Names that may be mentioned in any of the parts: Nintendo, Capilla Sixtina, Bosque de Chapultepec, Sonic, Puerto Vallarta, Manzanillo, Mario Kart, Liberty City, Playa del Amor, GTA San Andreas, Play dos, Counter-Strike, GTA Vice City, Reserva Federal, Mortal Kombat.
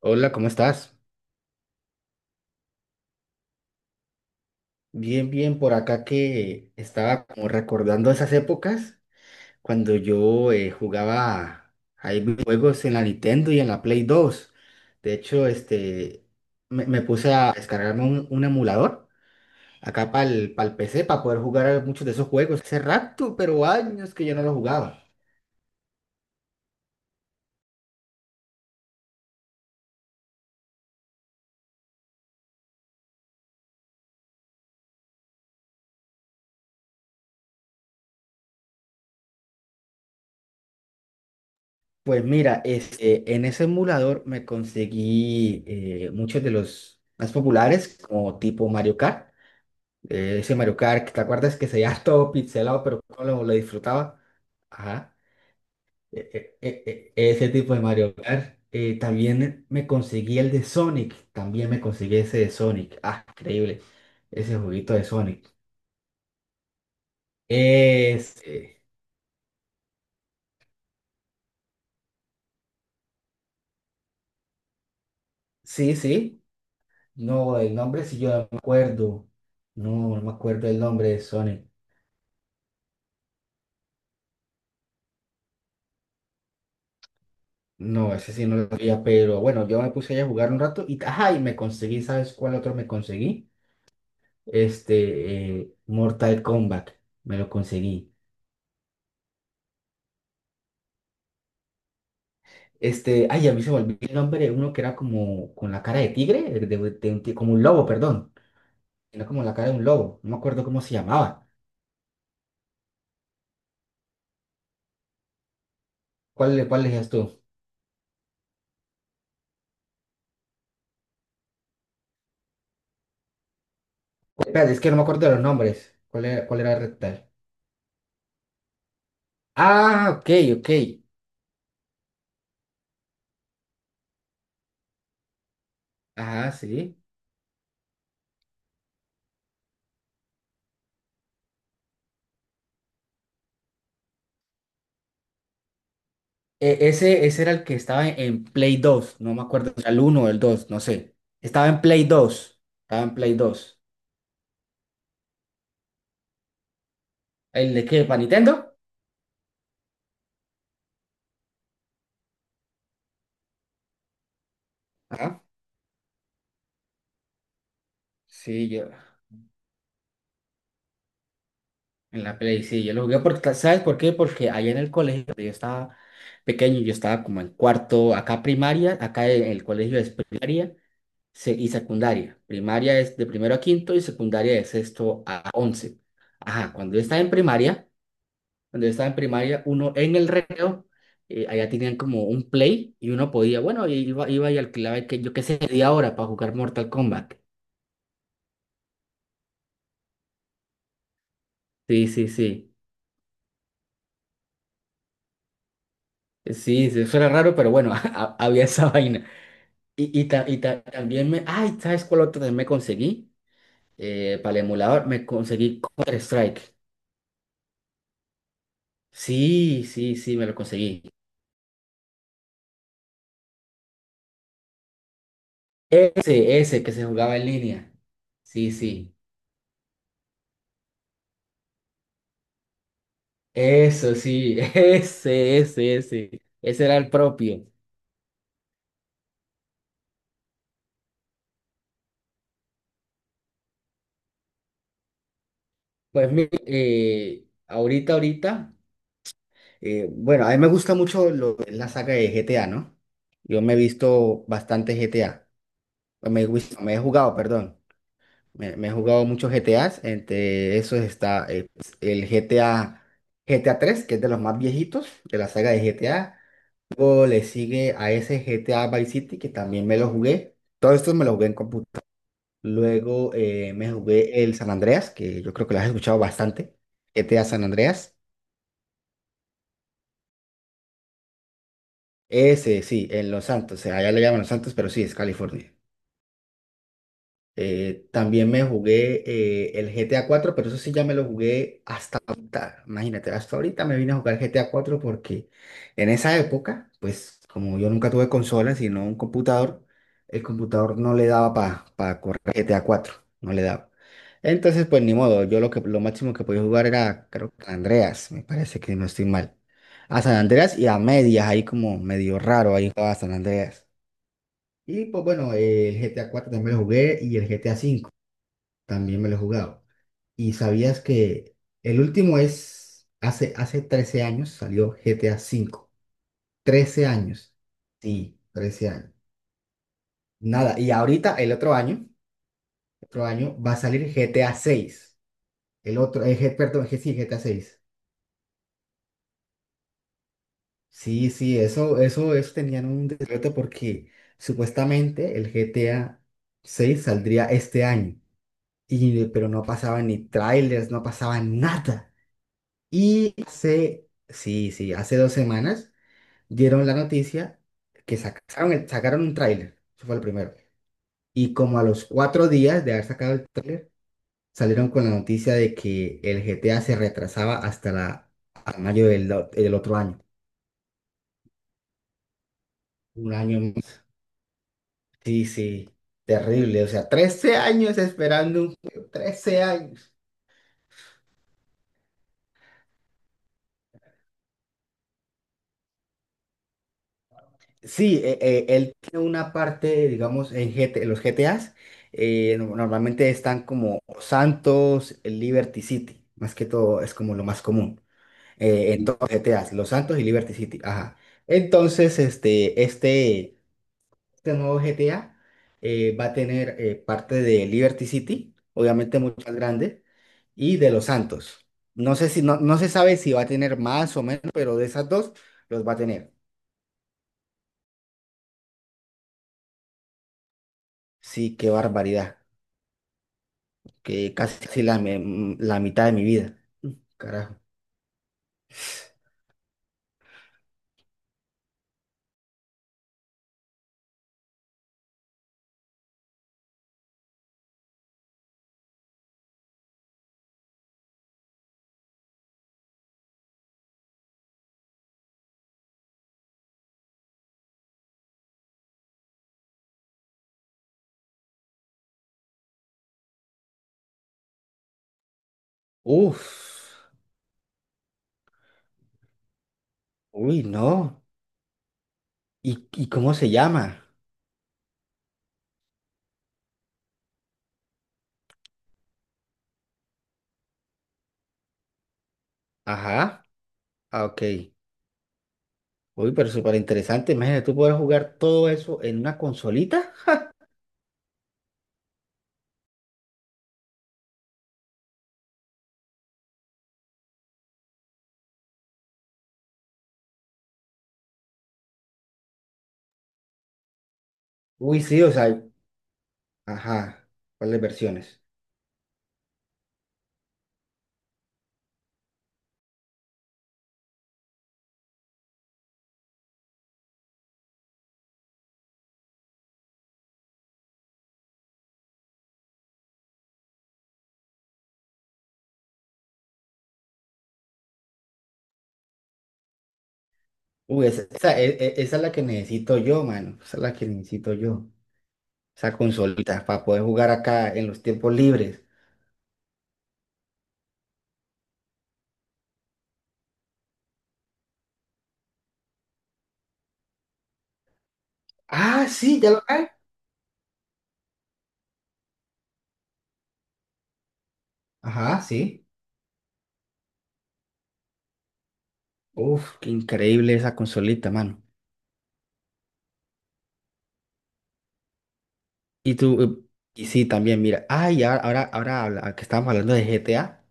Hola, ¿cómo estás? Bien, bien, por acá que estaba como recordando esas épocas cuando yo jugaba ahí juegos en la Nintendo y en la Play dos. De hecho, me puse a descargarme un emulador acá para el PC para poder jugar a muchos de esos juegos. Hace rato, pero años que yo no los jugaba. Pues mira, en ese emulador me conseguí muchos de los más populares, como tipo Mario Kart. Ese Mario Kart, ¿te acuerdas que se veía todo pixelado, pero cómo lo disfrutaba? Ajá. Ese tipo de Mario Kart. También me conseguí el de Sonic. También me conseguí ese de Sonic. Ah, increíble. Ese juguito de Sonic. Es, eh, sí, sí. No, el nombre sí yo no me acuerdo. No, no me acuerdo el nombre de Sonic. No, ese sí no lo sabía, pero bueno, yo me puse ahí a jugar un rato y, ajá, y me conseguí, ¿sabes cuál otro me conseguí? Mortal Kombat, me lo conseguí. Ay, a mí se me olvidó el nombre, uno que era como con la cara de tigre, de como un lobo, perdón. Era como la cara de un lobo, no me acuerdo cómo se llamaba. ¿Cuál elegías tú? Espérate, es que no me acuerdo de los nombres. ¿Cuál era el rectal? Ah, ok, ok. Ajá, sí. Ese era el que estaba en Play dos, no me acuerdo si era el uno o el dos, no sé. Estaba en Play dos. ¿El de qué? ¿Para Nintendo? Ajá. Sí, yo. En la Play, sí, yo lo jugué porque, ¿sabes por qué? Porque allá en el colegio, cuando yo estaba pequeño, yo estaba como en cuarto, acá primaria, acá en el colegio es primaria y secundaria. Primaria es de primero a quinto y secundaria de sexto a once. Ajá, cuando yo estaba en primaria, cuando yo estaba en primaria, uno en el recreo, allá tenían como un Play y uno podía, bueno, iba y alquilaba, que, yo qué sé, media hora para jugar Mortal Kombat. Sí, sí, sí. Sí, sí, eso era raro, pero bueno, había esa vaina. Y también me... Ay, ¿sabes cuál otro también me conseguí? Para el emulador me conseguí Counter-Strike. Sí, sí, sí, me lo conseguí. Ese que se jugaba en línea. Sí, sí. Eso, sí. Ese. Ese era el propio. Pues mira, ahorita... Bueno, a mí me gusta mucho la saga de GTA, ¿no? Yo me he visto bastante GTA. Me he jugado, perdón. Me he jugado muchos GTAs, entre esos está pues, el GTA 3 que es de los más viejitos de la saga de GTA. Luego le sigue a ese GTA Vice City, que también me lo jugué. Todos estos me los jugué en computador. Luego me jugué el San Andreas, que yo creo que lo has escuchado bastante. GTA San Andreas. Ese, sí, en Los Santos. Allá le llaman Los Santos, pero sí, es California. También me jugué el GTA 4, pero eso sí ya me lo jugué hasta ahorita. Imagínate, hasta ahorita me vine a jugar GTA 4 porque en esa época, pues como yo nunca tuve consola, sino un computador, el computador no le daba para correr GTA 4, no le daba. Entonces, pues ni modo, yo lo que lo máximo que podía jugar era, creo que San Andreas, me parece que no estoy mal. A San Andreas y a medias, ahí como medio raro, ahí jugaba San Andreas. Y pues bueno, el GTA 4 también lo jugué y el GTA 5. También me lo he jugado. ¿Y sabías que el último es, hace 13 años salió GTA 5, 13 años? Sí, 13 años. Nada, y ahorita el otro año va a salir GTA 6. El otro, G- perdón, G- sí, GTA 6. Sí, sí, eso tenían un decreto porque supuestamente el GTA 6 saldría este año, pero no pasaban ni trailers, no pasaba nada. Y sí, sí, hace 2 semanas dieron la noticia que sacaron un tráiler, eso fue el primero. Y como a los 4 días de haber sacado el tráiler, salieron con la noticia de que el GTA se retrasaba hasta mayo del otro año. Un año más. Sí, sí, terrible. O sea, 13 años esperando un juego, 13 años. Sí, él tiene una parte, digamos, en GT los GTAs, normalmente están como Santos, Liberty City, más que todo es como lo más común en todos los GTAs, Los Santos y Liberty City, ajá. Entonces, este nuevo GTA va a tener parte de Liberty City, obviamente mucho más grande, y de Los Santos. No se sabe si va a tener más o menos, pero de esas dos los va a tener. Sí, qué barbaridad. Que casi casi la mitad de mi vida. Carajo. Uf, uy, no. ¿Y cómo se llama? Ajá, ah, ok. Uy, pero súper interesante. Imagínate, tú puedes jugar todo eso en una consolita. Uy, sí, o sea, ajá. ¿Cuáles versiones? Uy, esa es la que necesito yo, mano. Esa es la que necesito yo. Esa consolita para poder jugar acá en los tiempos libres. Ah, sí, ya lo hay. Ajá, sí. Uf, qué increíble esa consolita, mano. Y tú, eh, y sí, también, mira, ay, que estábamos hablando de GTA,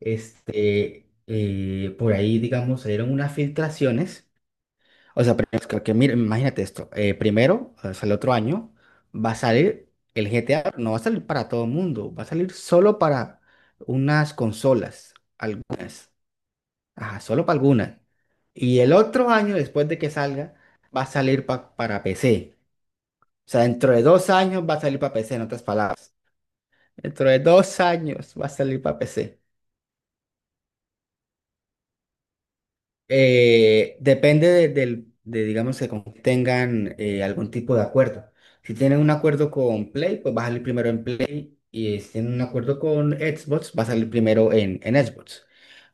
por ahí, digamos, salieron unas filtraciones, o sea, pero que mira, imagínate esto, primero, o sea, el otro año, va a salir el GTA, pero no va a salir para todo el mundo, va a salir solo para unas consolas, algunas, ajá, solo para algunas, y el otro año, después de que salga, va a salir para PC, o sea, dentro de 2 años va a salir para PC, en otras palabras. Dentro de dos años va a salir para PC. Depende digamos, que tengan algún tipo de acuerdo. Si tienen un acuerdo con Play, pues va a salir primero en Play. Y si tienen un acuerdo con Xbox, va a salir primero en Xbox.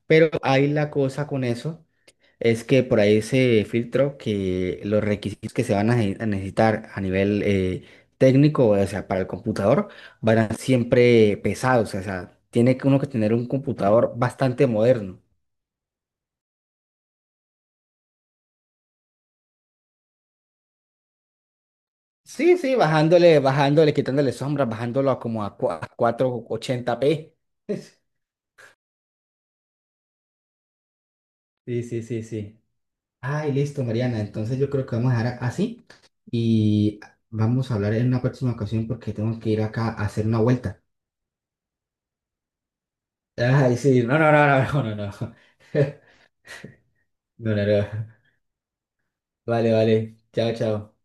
Pero ahí la cosa con eso. Es que por ahí se filtró que los requisitos que se van a necesitar a nivel técnico, o sea, para el computador, van a ser siempre pesados, o sea, tiene que uno que tener un computador bastante moderno. Sí, sí, bajándole, quitándole sombras, bajándolo a como a 480p. Sí, sí, sí, sí. Ay, listo, Mariana. Entonces yo creo que vamos a dejar así y vamos a hablar en una próxima ocasión porque tengo que ir acá a hacer una vuelta. Ay, sí, no, no, no, no, no, no, no, no, no, no. Vale, vale, chao, chao.